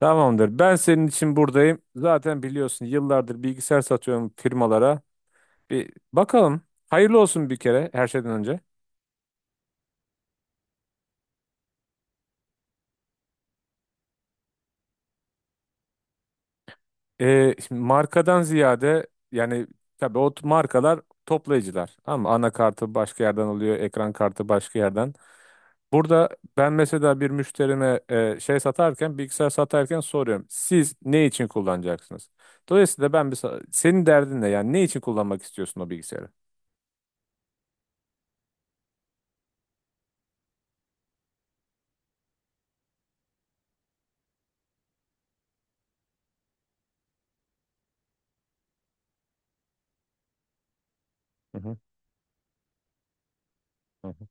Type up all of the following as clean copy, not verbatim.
Tamamdır. Ben senin için buradayım. Zaten biliyorsun yıllardır bilgisayar satıyorum firmalara. Bir bakalım. Hayırlı olsun bir kere her şeyden önce. Şimdi markadan ziyade yani tabii o markalar toplayıcılar. Ama anakartı başka yerden alıyor, ekran kartı başka yerden. Burada ben mesela bir müşterime şey satarken, bilgisayar satarken soruyorum. Siz ne için kullanacaksınız? Dolayısıyla ben senin derdin ne? Yani ne için kullanmak istiyorsun o bilgisayarı? Hı hı. Hı hı.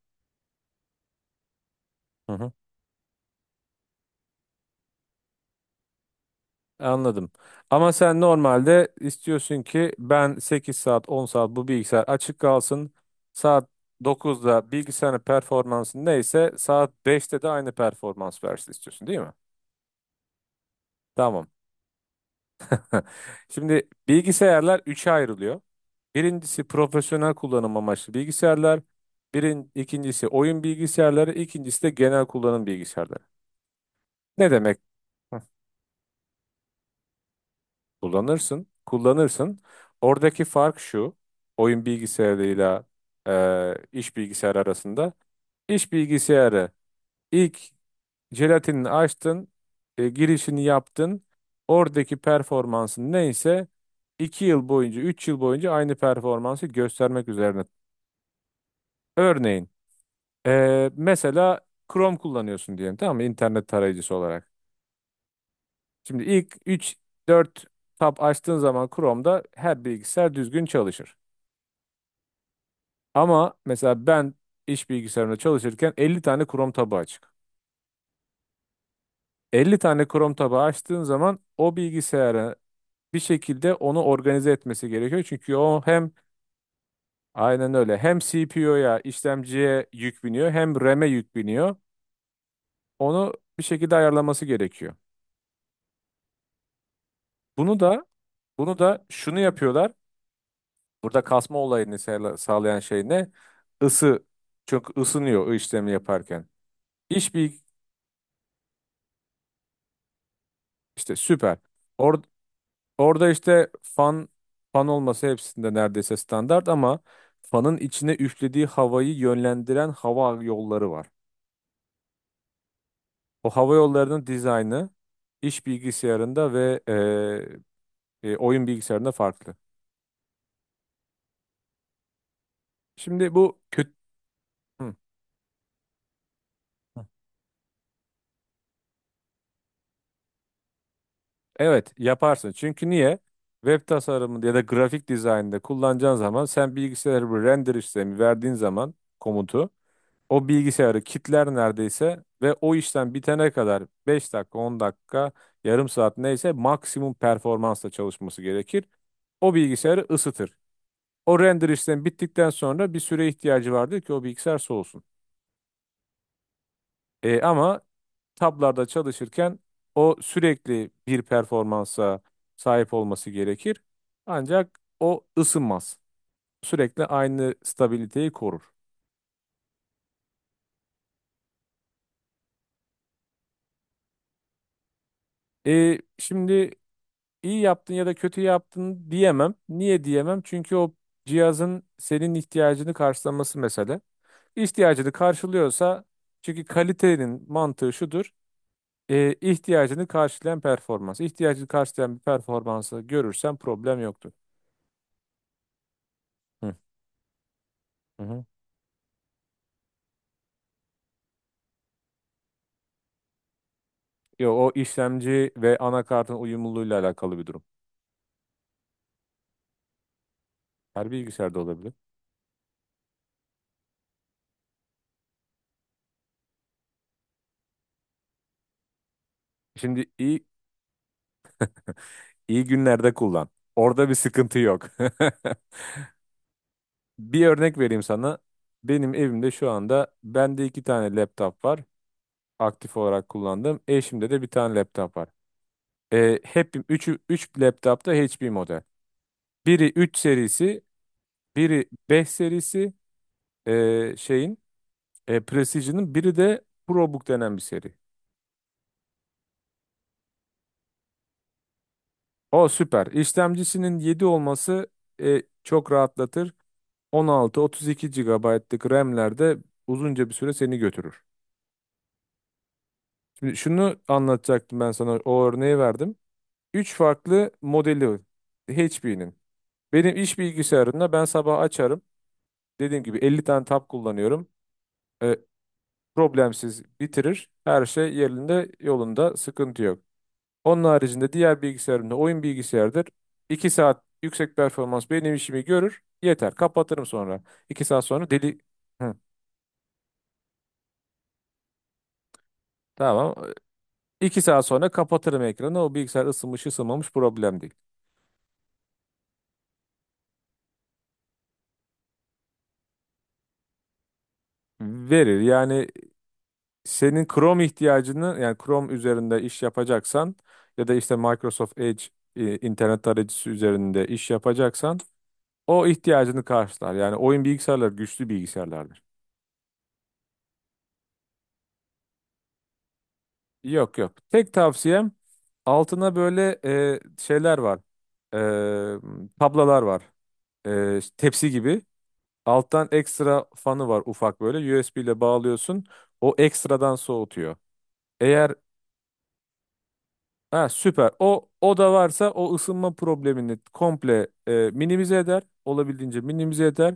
Anladım. Ama sen normalde istiyorsun ki ben 8 saat 10 saat bu bilgisayar açık kalsın. Saat 9'da bilgisayarın performansı neyse saat 5'te de aynı performans versin istiyorsun değil mi? Tamam. Şimdi bilgisayarlar 3'e ayrılıyor. Birincisi profesyonel kullanım amaçlı bilgisayarlar. İkincisi oyun bilgisayarları, ikincisi de genel kullanım bilgisayarları. Ne demek? Kullanırsın, kullanırsın. Oradaki fark şu, oyun bilgisayarıyla iş bilgisayarı arasında. İş bilgisayarı ilk jelatinini açtın, girişini yaptın. Oradaki performansın neyse 2 yıl boyunca, 3 yıl boyunca aynı performansı göstermek üzerine. Örneğin, mesela Chrome kullanıyorsun diyelim, tamam mı? İnternet tarayıcısı olarak. Şimdi ilk üç dört tab açtığın zaman Chrome'da her bilgisayar düzgün çalışır. Ama mesela ben iş bilgisayarımda çalışırken 50 tane Chrome tabu açık. 50 tane Chrome tabu açtığın zaman o bilgisayara bir şekilde onu organize etmesi gerekiyor. Çünkü o hem aynen öyle hem CPU'ya, işlemciye yük biniyor, hem RAM'e yük biniyor. Onu bir şekilde ayarlaması gerekiyor. Bunu da bunu da şunu yapıyorlar. Burada kasma olayını sağlayan şey ne? Isı. Çok ısınıyor o işlemi yaparken. İş bir işte süper. Orada işte fan olması hepsinde neredeyse standart ama fanın içine üflediği havayı yönlendiren hava yolları var. O hava yollarının dizaynı iş bilgisayarında ve oyun bilgisayarında farklı. Şimdi bu kötü. Hı. Evet, yaparsın. Çünkü niye? Web tasarımında ya da grafik dizaynında kullanacağın zaman sen bilgisayarı bir render işlemi verdiğin zaman komutu o bilgisayarı kitler neredeyse ve o işlem bitene kadar 5 dakika, 10 dakika, yarım saat neyse maksimum performansla çalışması gerekir. O bilgisayarı ısıtır. O render işlemi bittikten sonra bir süre ihtiyacı vardır ki o bilgisayar soğusun. Ama tablarda çalışırken o sürekli bir performansa sahip olması gerekir. Ancak o ısınmaz. Sürekli aynı stabiliteyi korur. Şimdi İyi yaptın ya da kötü yaptın diyemem. Niye diyemem? Çünkü o cihazın senin ihtiyacını karşılaması mesele. İhtiyacını karşılıyorsa, çünkü kalitenin mantığı şudur. İhtiyacını karşılayan performans. İhtiyacını karşılayan bir performansı görürsen problem yoktur. Hı hı. Hı. Yo, o işlemci ve anakartın uyumluluğuyla alakalı bir durum. Her bilgisayarda olabilir. Şimdi iyi günlerde kullan. Orada bir sıkıntı yok. Bir örnek vereyim sana. Benim evimde şu anda bende iki tane laptop var. Aktif olarak kullandığım. Eşimde de bir tane laptop var. Hep üçü, üç laptop da HP model. Biri 3 serisi, biri 5 serisi, şeyin, Precision'ın, biri de ProBook denen bir seri. O süper. İşlemcisinin 7 olması çok rahatlatır. 16, 32 GB'lık RAM'lerde uzunca bir süre seni götürür. Şimdi şunu anlatacaktım, ben sana o örneği verdim. Üç farklı modeli var HP'nin. Benim iş bilgisayarında ben sabah açarım. Dediğim gibi 50 tane tab kullanıyorum. E, problemsiz bitirir. Her şey yerinde yolunda, sıkıntı yok. Onun haricinde, diğer bilgisayarımda oyun bilgisayardır. 2 saat yüksek performans benim işimi görür. Yeter. Kapatırım sonra. 2 saat sonra deli... Hı, tamam. 2 saat sonra kapatırım ekranı. O bilgisayar ısınmış ısınmamış, problem değil. Verir. Yani senin Chrome ihtiyacını, yani Chrome üzerinde iş yapacaksan ya da işte Microsoft Edge, internet tarayıcısı üzerinde iş yapacaksan o ihtiyacını karşılar. Yani oyun bilgisayarları güçlü bilgisayarlardır. Yok yok. Tek tavsiyem, altına böyle şeyler var. Tablalar var. İşte tepsi gibi. Alttan ekstra fanı var, ufak böyle. USB ile bağlıyorsun. O ekstradan soğutuyor. Eğer. Ha, süper. O da varsa o ısınma problemini komple minimize eder. Olabildiğince minimize eder.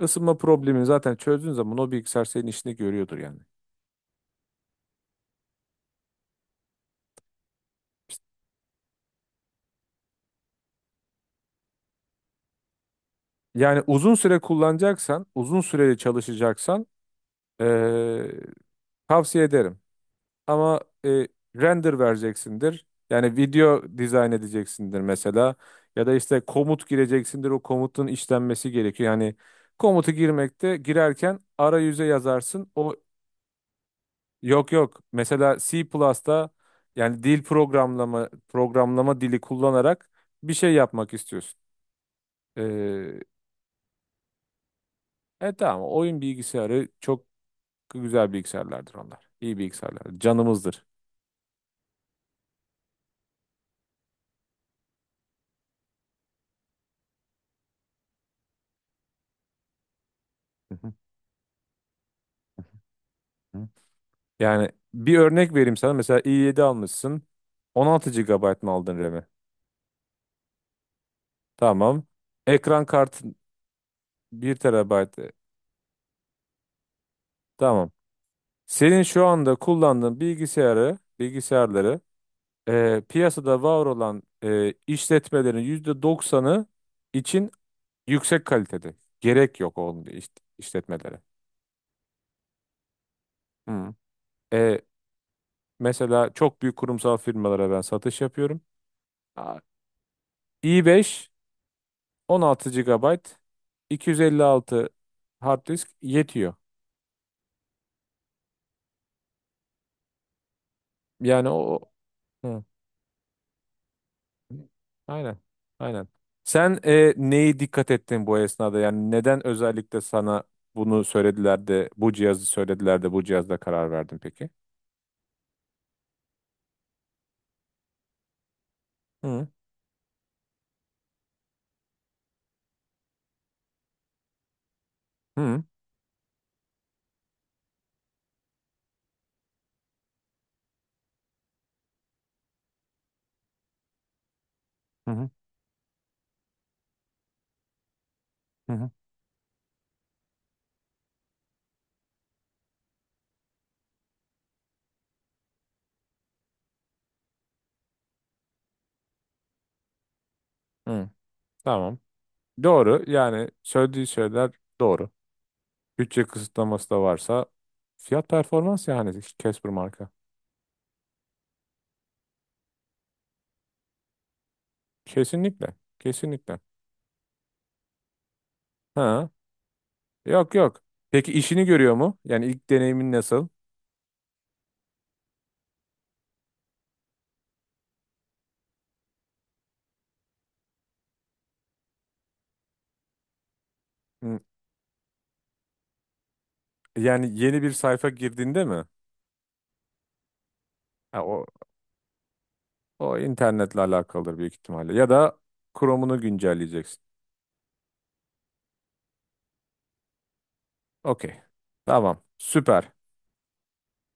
Isınma problemini zaten çözdüğün zaman o bilgisayar senin işini görüyordur yani. Yani uzun süre kullanacaksan, uzun süreli çalışacaksan, e, tavsiye ederim. Ama render vereceksindir. Yani video dizayn edeceksindir mesela. Ya da işte komut gireceksindir. O komutun işlenmesi gerekiyor. Yani komutu girerken arayüze yazarsın. O. Yok yok. Mesela C Plus'ta, yani dil, programlama dili kullanarak bir şey yapmak istiyorsun. Ee, tamam, oyun bilgisayarı çok güzel bilgisayarlardır onlar. İyi bilgisayarlar. Canımızdır. Hı hı. Hı. Yani bir örnek vereyim sana. Mesela i7 almışsın. 16 GB mı aldın RAM'i? Tamam. Ekran kartı bir TB. Tamam. Senin şu anda kullandığın bilgisayarları, piyasada var olan, işletmelerin %90'ı için yüksek kalitede. Gerek yok onun işletmelere. Hı. E, mesela çok büyük kurumsal firmalara ben satış yapıyorum. Aa, i5, 16 GB, 256 hard disk yetiyor. Yani o. Aynen. Aynen. Sen neyi dikkat ettin bu esnada? Yani neden özellikle sana bunu söylediler de bu cihazı söylediler de bu cihazda karar verdin peki? Hı hı hı hı hı. Hı. Tamam. Doğru. Yani söylediği şeyler doğru. Bütçe kısıtlaması da varsa fiyat performans, yani Casper marka. Kesinlikle. Kesinlikle. Ha. Yok yok. Peki işini görüyor mu? Yani ilk deneyimin nasıl? Hı. Yani yeni bir sayfa girdiğinde mi? Ha, o internetle alakalıdır büyük ihtimalle. Ya da Chrome'unu güncelleyeceksin. Okey. Tamam. Süper.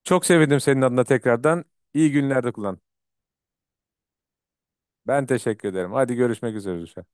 Çok sevindim senin adına tekrardan. İyi günlerde kullan. Ben teşekkür ederim. Hadi görüşmek üzere.